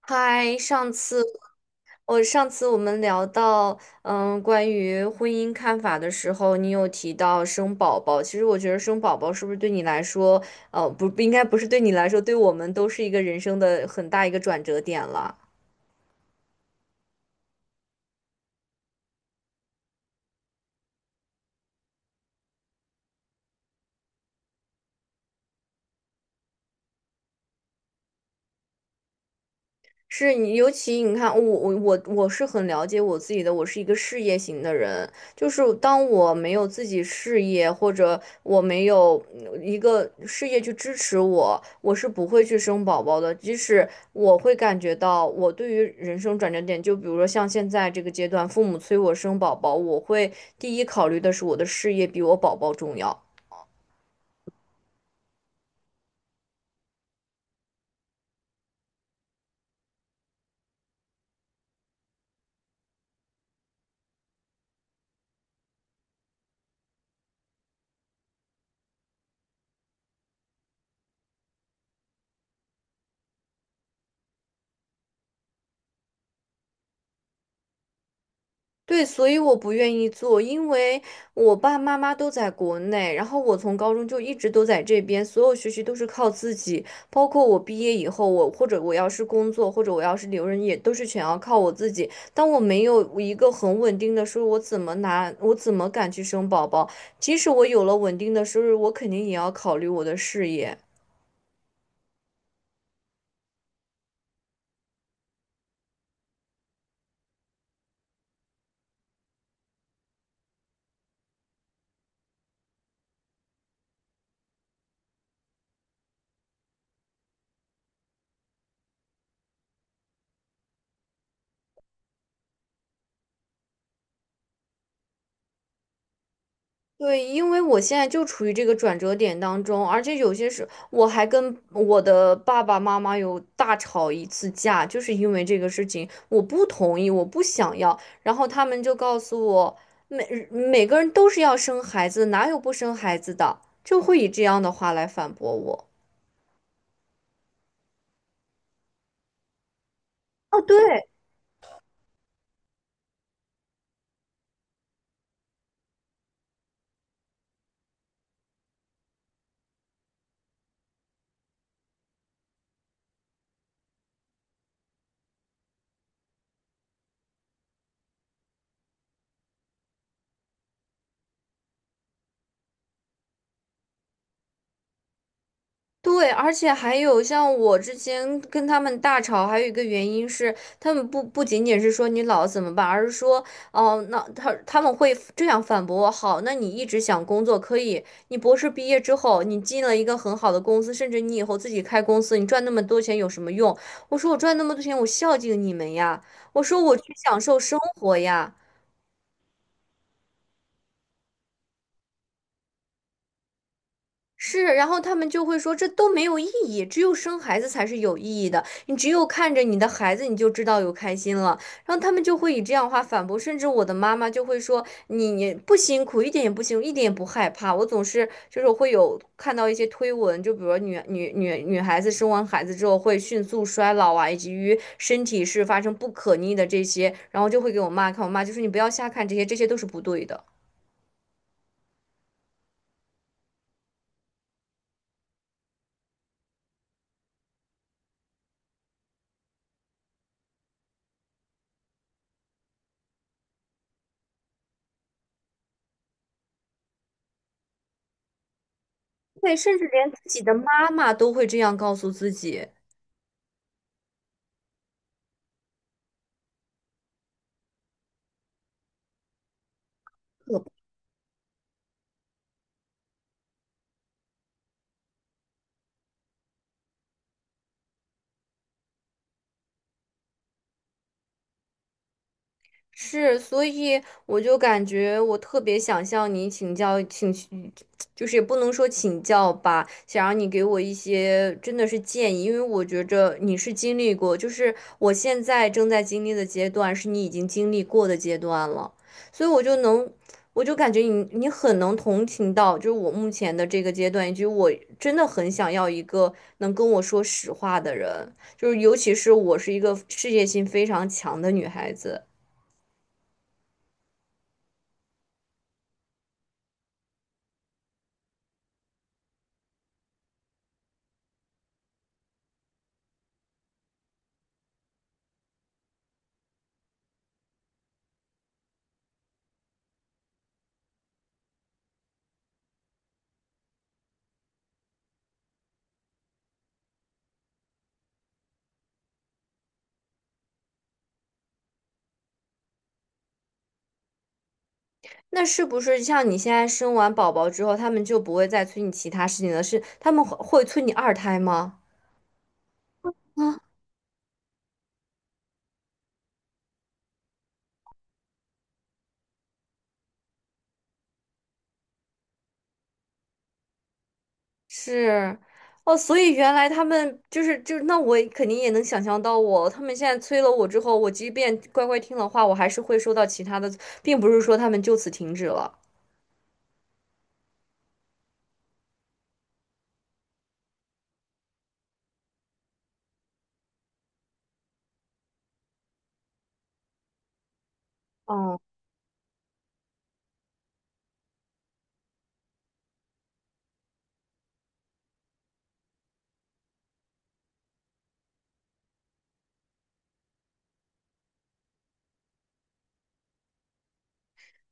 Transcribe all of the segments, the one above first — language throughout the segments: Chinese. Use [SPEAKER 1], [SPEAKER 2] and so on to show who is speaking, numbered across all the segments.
[SPEAKER 1] 嗨，上次我们聊到，关于婚姻看法的时候，你有提到生宝宝。其实我觉得生宝宝是不是对你来说，不应该不是对你来说，对我们都是一个人生的很大一个转折点了。是你，尤其你看，我是很了解我自己的，我是一个事业型的人。就是当我没有自己事业，或者我没有一个事业去支持我，我是不会去生宝宝的。即使我会感觉到我对于人生转折点，就比如说像现在这个阶段，父母催我生宝宝，我会第一考虑的是我的事业比我宝宝重要。对，所以我不愿意做，因为我爸妈妈都在国内，然后我从高中就一直都在这边，所有学习都是靠自己，包括我毕业以后，我或者我要是工作，或者我要是留人，也都是全要靠我自己。当我没有一个很稳定的收入，我怎么拿，我怎么敢去生宝宝？即使我有了稳定的收入，我肯定也要考虑我的事业。对，因为我现在就处于这个转折点当中，而且有些时我还跟我的爸爸妈妈有大吵一次架，就是因为这个事情，我不同意，我不想要，然后他们就告诉我，每个人都是要生孩子，哪有不生孩子的，就会以这样的话来反驳我。哦，对，对，而且还有像我之前跟他们大吵，还有一个原因是，他们不仅仅是说你老怎么办，而是说，哦，那他们会这样反驳我，好，那你一直想工作可以，你博士毕业之后，你进了一个很好的公司，甚至你以后自己开公司，你赚那么多钱有什么用？我说我赚那么多钱，我孝敬你们呀，我说我去享受生活呀。是，然后他们就会说这都没有意义，只有生孩子才是有意义的。你只有看着你的孩子，你就知道有开心了。然后他们就会以这样的话反驳，甚至我的妈妈就会说你不辛苦，一点也不辛苦，一点也不害怕。我总是就是会有看到一些推文，就比如女孩子生完孩子之后会迅速衰老啊，以及于身体是发生不可逆的这些，然后就会给我妈看，我妈就说你不要瞎看这些，这些都是不对的。对，甚至连自己的妈妈都会这样告诉自己。是，所以我就感觉我特别想向你请教，请，就是也不能说请教吧，想让你给我一些真的是建议，因为我觉着你是经历过，就是我现在正在经历的阶段，是你已经经历过的阶段了，所以我就能，我就感觉你很能同情到，就是我目前的这个阶段，以及我真的很想要一个能跟我说实话的人，就是尤其是我是一个事业心非常强的女孩子。那是不是像你现在生完宝宝之后，他们就不会再催你其他事情了？是他们会催你二胎吗？是，哦，所以原来他们就是，那我也肯定也能想象到我，他们现在催了我之后，我即便乖乖听了话，我还是会收到其他的，并不是说他们就此停止了。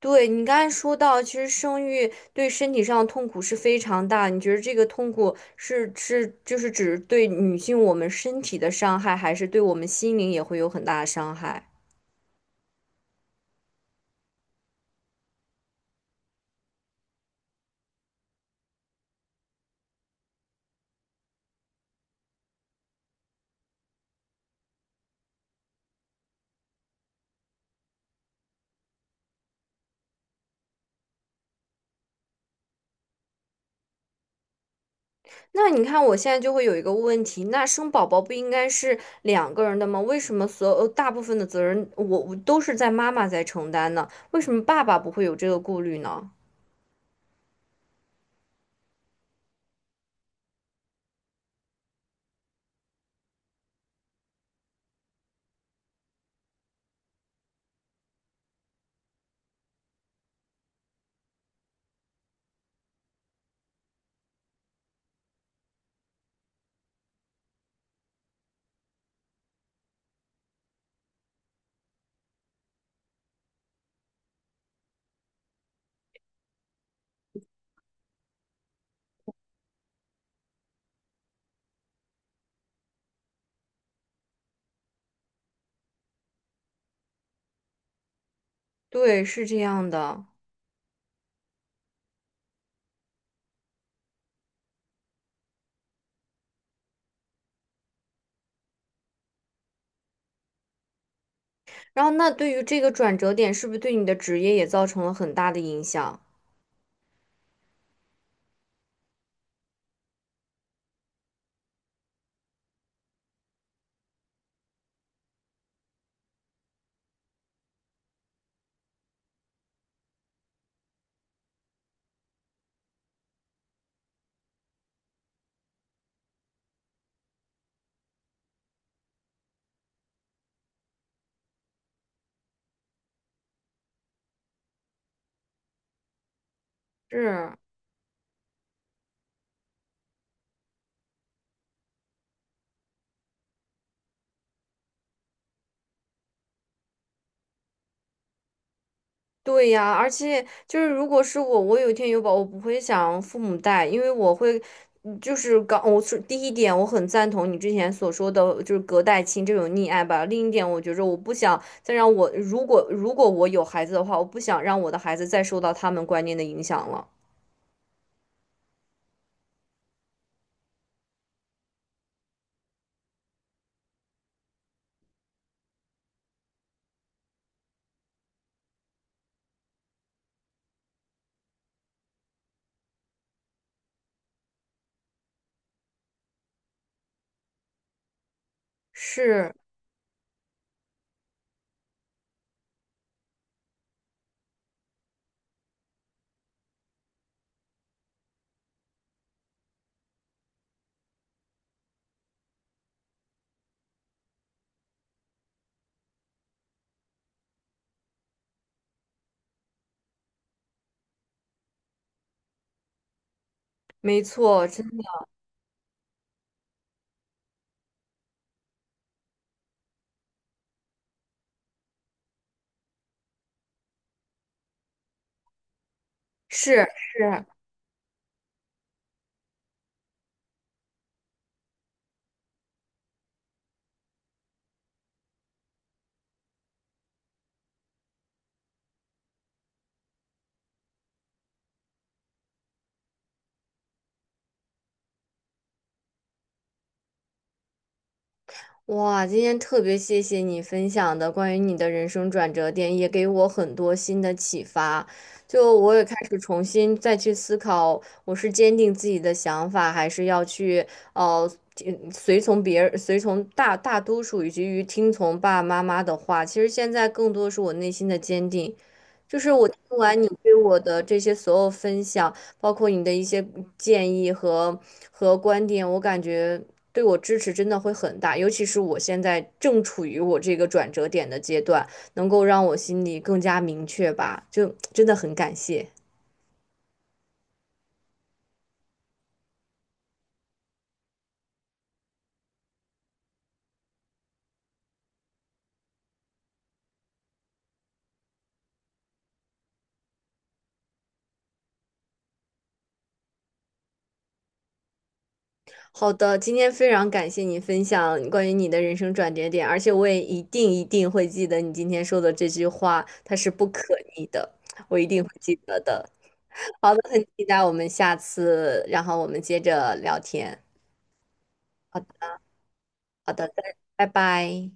[SPEAKER 1] 对，你刚才说到，其实生育对身体上的痛苦是非常大的。你觉得这个痛苦是就是指对女性我们身体的伤害，还是对我们心灵也会有很大的伤害？那你看，我现在就会有一个问题：那生宝宝不应该是两个人的吗？为什么所有大部分的责任我都是在妈妈在承担呢？为什么爸爸不会有这个顾虑呢？对，是这样的。然后，那对于这个转折点，是不是对你的职业也造成了很大的影响？是。对呀，而且就是如果是我，我有一天有宝，我不会想父母带，因为我会，嗯就是刚我是第一点，我很赞同你之前所说的，就是隔代亲这种溺爱吧。另一点，我觉着我不想再让我，如果如果我有孩子的话，我不想让我的孩子再受到他们观念的影响了。是，没错，真的是是。哇，今天特别谢谢你分享的关于你的人生转折点，也给我很多新的启发。就我也开始重新再去思考，我是坚定自己的想法，还是要去呃听随从别人、随从大多数以及于听从爸爸妈妈的话。其实现在更多是我内心的坚定。就是我听完你对我的这些所有分享，包括你的一些建议和观点，我感觉对我支持真的会很大，尤其是我现在正处于我这个转折点的阶段，能够让我心里更加明确吧，就真的很感谢。好的，今天非常感谢你分享关于你的人生转折点，而且我也一定一定会记得你今天说的这句话，它是不可逆的，我一定会记得的。好的，很期待我们下次，然后我们接着聊天。好的，好的，再拜拜。